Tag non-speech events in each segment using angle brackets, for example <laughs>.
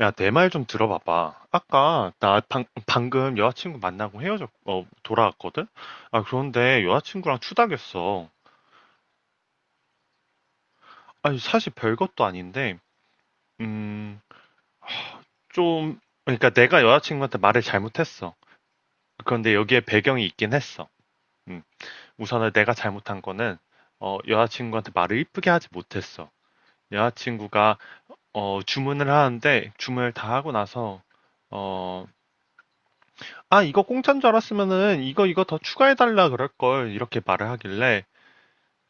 야, 내 말 좀 들어봐봐. 아까 나 방금 여자친구 만나고 돌아왔거든? 아, 그런데 여자친구랑 추닥였어. 아니, 사실 별것도 아닌데, 음, 좀, 그러니까 내가 여자친구한테 말을 잘못했어. 그런데 여기에 배경이 있긴 했어. 음, 우선은 내가 잘못한 거는, 여자친구한테 말을 이쁘게 하지 못했어. 여자친구가, 주문을 하는데, 주문을 다 하고 나서, 어, 아, 이거 공짜인 줄 알았으면은 이거 이거 더 추가해달라 그럴걸. 이렇게 말을 하길래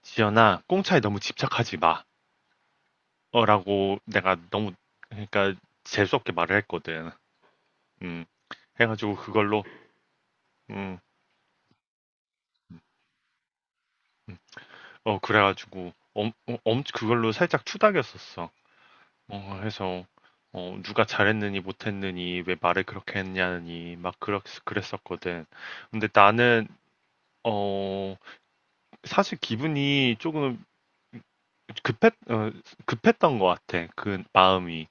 지연아, 공짜에 너무 집착하지 마. 라고 내가 너무, 그러니까 재수없게 말을 했거든. 음. 해가지고 그걸로, 음, 음. 그래가지고 그걸로 살짝 투닥였었어. 해서, 누가 잘했느니 못했느니 왜 말을 그렇게 했냐니 막 그랬었거든. 근데 나는, 어, 사실 기분이 조금 급했, 어, 급했던 것 같아. 그 마음이.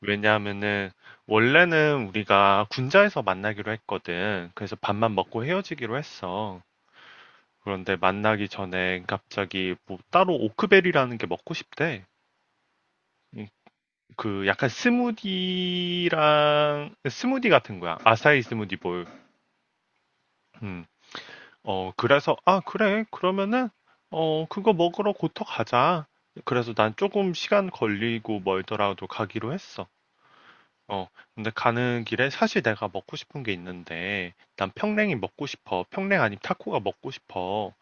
왜냐하면은 원래는 우리가 군자에서 만나기로 했거든. 그래서 밥만 먹고 헤어지기로 했어. 그런데 만나기 전에 갑자기 뭐 따로 오크베리라는 게 먹고 싶대. 음, 그 약간 스무디랑 스무디 같은 거야. 아사히 스무디 볼. 음. 그래서 아, 그래. 그러면은 그거 먹으러 고터 가자. 그래서 난 조금 시간 걸리고 멀더라도 가기로 했어. 어, 근데 가는 길에 사실 내가 먹고 싶은 게 있는데, 난 평냉이 먹고 싶어. 평냉 아니면 타코가 먹고 싶어.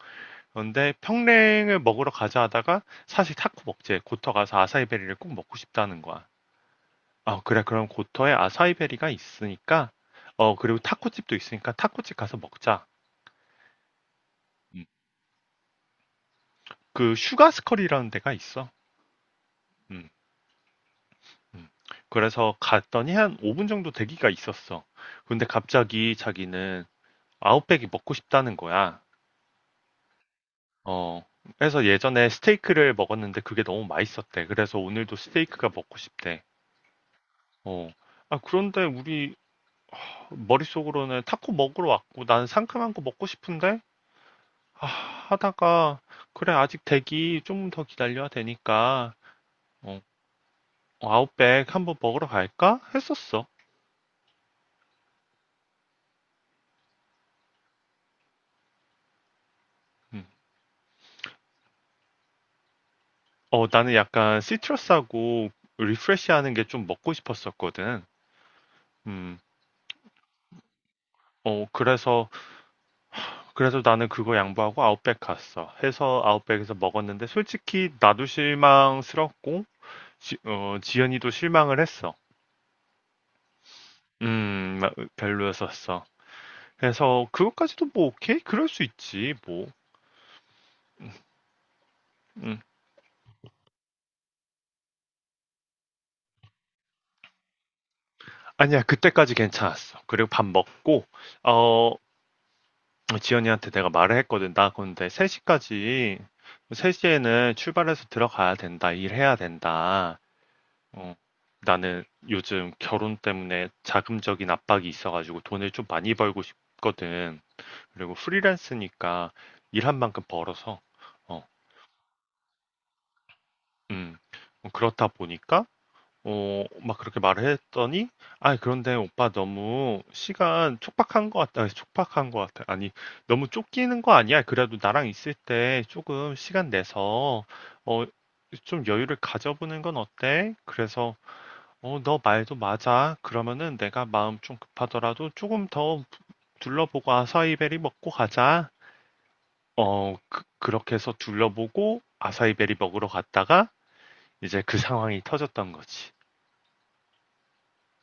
그런데 평냉을 먹으러 가자 하다가 사실 타코 먹지. 고터 가서 아사이베리를 꼭 먹고 싶다는 거야. 그래. 그럼 고터에 아사이베리가 있으니까, 그리고 타코집도 있으니까 타코집 가서 먹자. 음. 그 슈가스컬이라는 데가 있어. 음, 음. 그래서 갔더니 한 5분 정도 대기가 있었어. 근데 갑자기 자기는 아웃백이 먹고 싶다는 거야. 어, 그래서 예전에 스테이크를 먹었는데 그게 너무 맛있었대. 그래서 오늘도 스테이크가 먹고 싶대. 어. 아, 그런데 우리 머릿속으로는 타코 먹으러 왔고 나는 상큼한 거 먹고 싶은데? 아, 하다가 그래 아직 대기 좀 더 기다려야 되니까 어, 아웃백 한번 먹으러 갈까? 했었어. 음. 나는 약간 시트러스하고 리프레시하는 게 좀 먹고 싶었었거든. 음. 그래서 나는 그거 양보하고 아웃백 갔어. 해서 아웃백에서 먹었는데 솔직히 나도 실망스럽고 지연이도 실망을 했어. 음, 별로였었어. 그래서 그것까지도 뭐 오케이? 그럴 수 있지 뭐. 음, 아니야 그때까지 괜찮았어. 그리고 밥 먹고 어 지연이한테 내가 말을 했거든. 나 근데 3시까지 3시에는 출발해서 들어가야 된다. 일해야 된다. 어, 나는 요즘 결혼 때문에 자금적인 압박이 있어가지고 돈을 좀 많이 벌고 싶거든. 그리고 프리랜스니까 일한 만큼 벌어서, 어, 음, 그렇다 보니까, 막 그렇게 말을 했더니, 아, 그런데 오빠 너무 시간 촉박한 것 같다. 아니, 촉박한 것 같아. 아니, 너무 쫓기는 거 아니야? 그래도 나랑 있을 때 조금 시간 내서, 어, 좀 여유를 가져보는 건 어때? 그래서, 너 말도 맞아. 그러면은 내가 마음 좀 급하더라도 조금 더 둘러보고 아사이베리 먹고 가자. 어, 그, 렇게 해서 둘러보고 아사이베리 먹으러 갔다가 이제 그 상황이 터졌던 거지.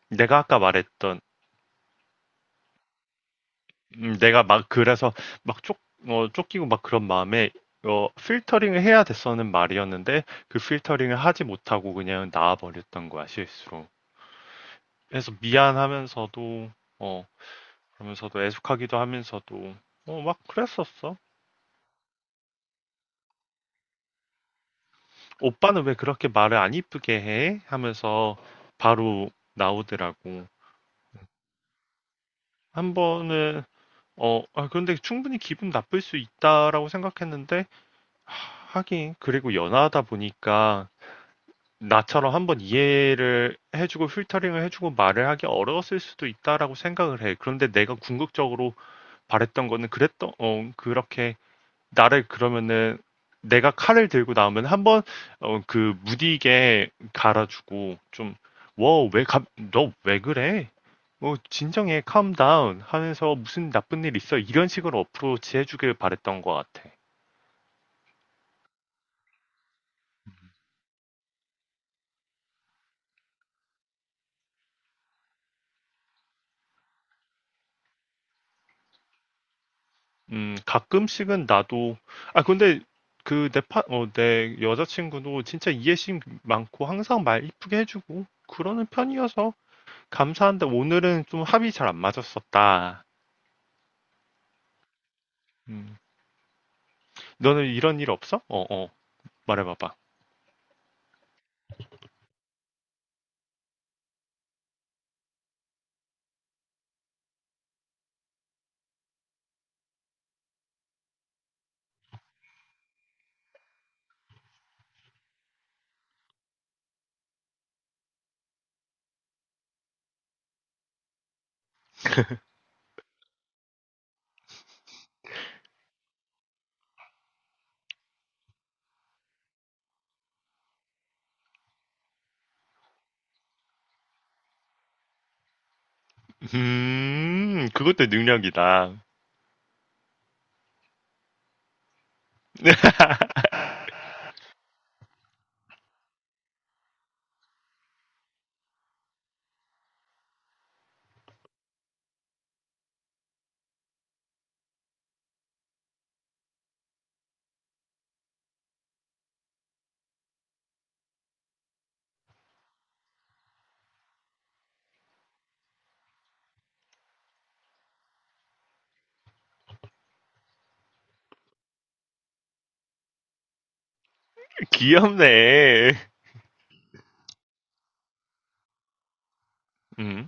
내가 아까 말했던, 내가 막 그래서 막 쫓기고 막 그런 마음에 필터링을 해야 됐었는 말이었는데 그 필터링을 하지 못하고 그냥 나와버렸던 거야, 실수로. 그래서 미안하면서도 어, 그러면서도 애숙하기도 하면서도 막 그랬었어. 오빠는 왜 그렇게 말을 안 이쁘게 해? 하면서 바로 나오더라고. 한 번은 아, 그런데 충분히 기분 나쁠 수 있다라고 생각했는데 하긴 그리고 연하다 보니까 나처럼 한번 이해를 해주고 필터링을 해주고 말을 하기 어려웠을 수도 있다라고 생각을 해. 그런데 내가 궁극적으로 바랬던 거는 그렇게 나를 그러면은 내가 칼을 들고 나오면 한번 그 무디게 갈아주고 너 왜 그래? 뭐 진정해, calm down 하면서 무슨 나쁜 일 있어 이런 식으로 어프로치 해주길 바랬던 것 같아. 가끔씩은 나도 아 근데 그내파어내 여자친구도 진짜 이해심 많고 항상 말 이쁘게 해주고 그러는 편이어서 감사한데 오늘은 좀 합이 잘 안 맞았었다. 음. 너는 이런 일 없어? 어, 어. 말해봐봐. 그것도 능력이다. 귀엽네. 음,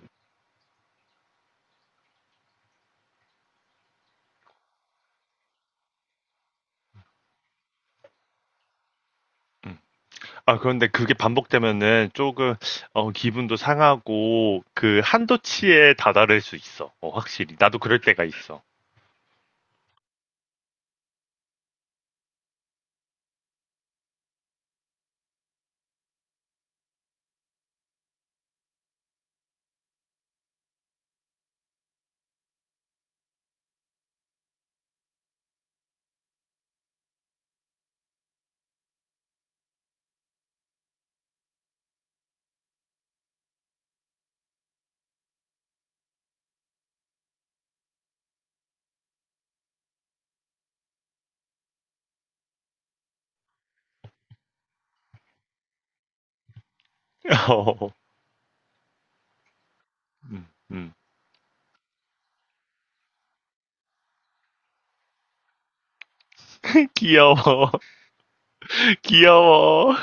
음. 아, 그런데 그게 반복되면은 조금, 기분도 상하고, 그, 한도치에 다다를 수 있어. 어, 확실히. 나도 그럴 때가 있어. <laughs> 어, 음. <laughs> 귀여워. <laughs> 귀여워.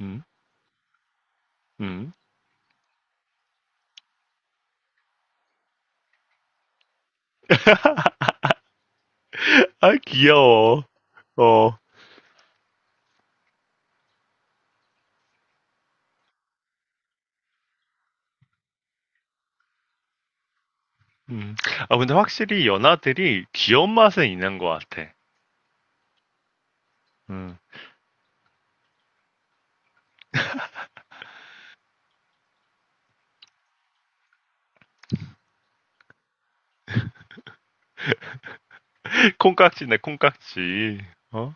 음, 음. 아, 귀여워. 어, 음. 아, 근데 확실히 연하들이 귀여운 맛은 있는 것 같아. 음. 콩깍지네, 콩깍지. 어?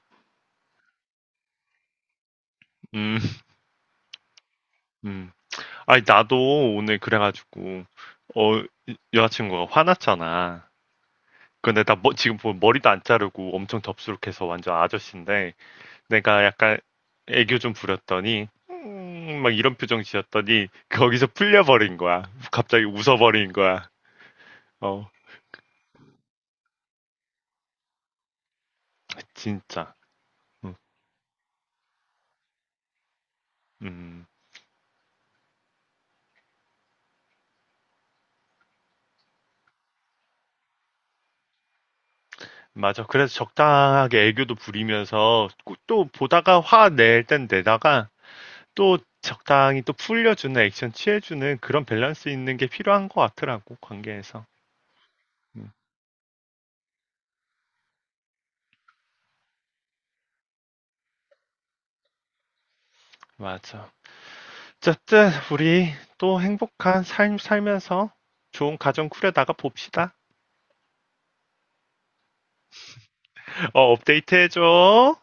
음, 음. 아니, 나도 오늘 그래가지고, 어, 여자친구가 화났잖아. 근데 나 뭐 지금 보면 머리도 안 자르고 엄청 덥수룩해서 완전 아저씨인데, 내가 약간 애교 좀 부렸더니, 막 이런 표정 지었더니, 거기서 풀려버린 거야. 갑자기 웃어버린 거야. 어, 진짜. 음, 음. 맞아. 그래서 적당하게 애교도 부리면서 꼭 또 보다가 화낼 땐 내다가 또 적당히 또 풀려주는 액션 취해주는 그런 밸런스 있는 게 필요한 것 같더라고 관계에서. 음, 맞아. 어쨌든 우리 또 행복한 삶 살면서 좋은 가정 꾸려나가 봅시다. 업데이트 해줘.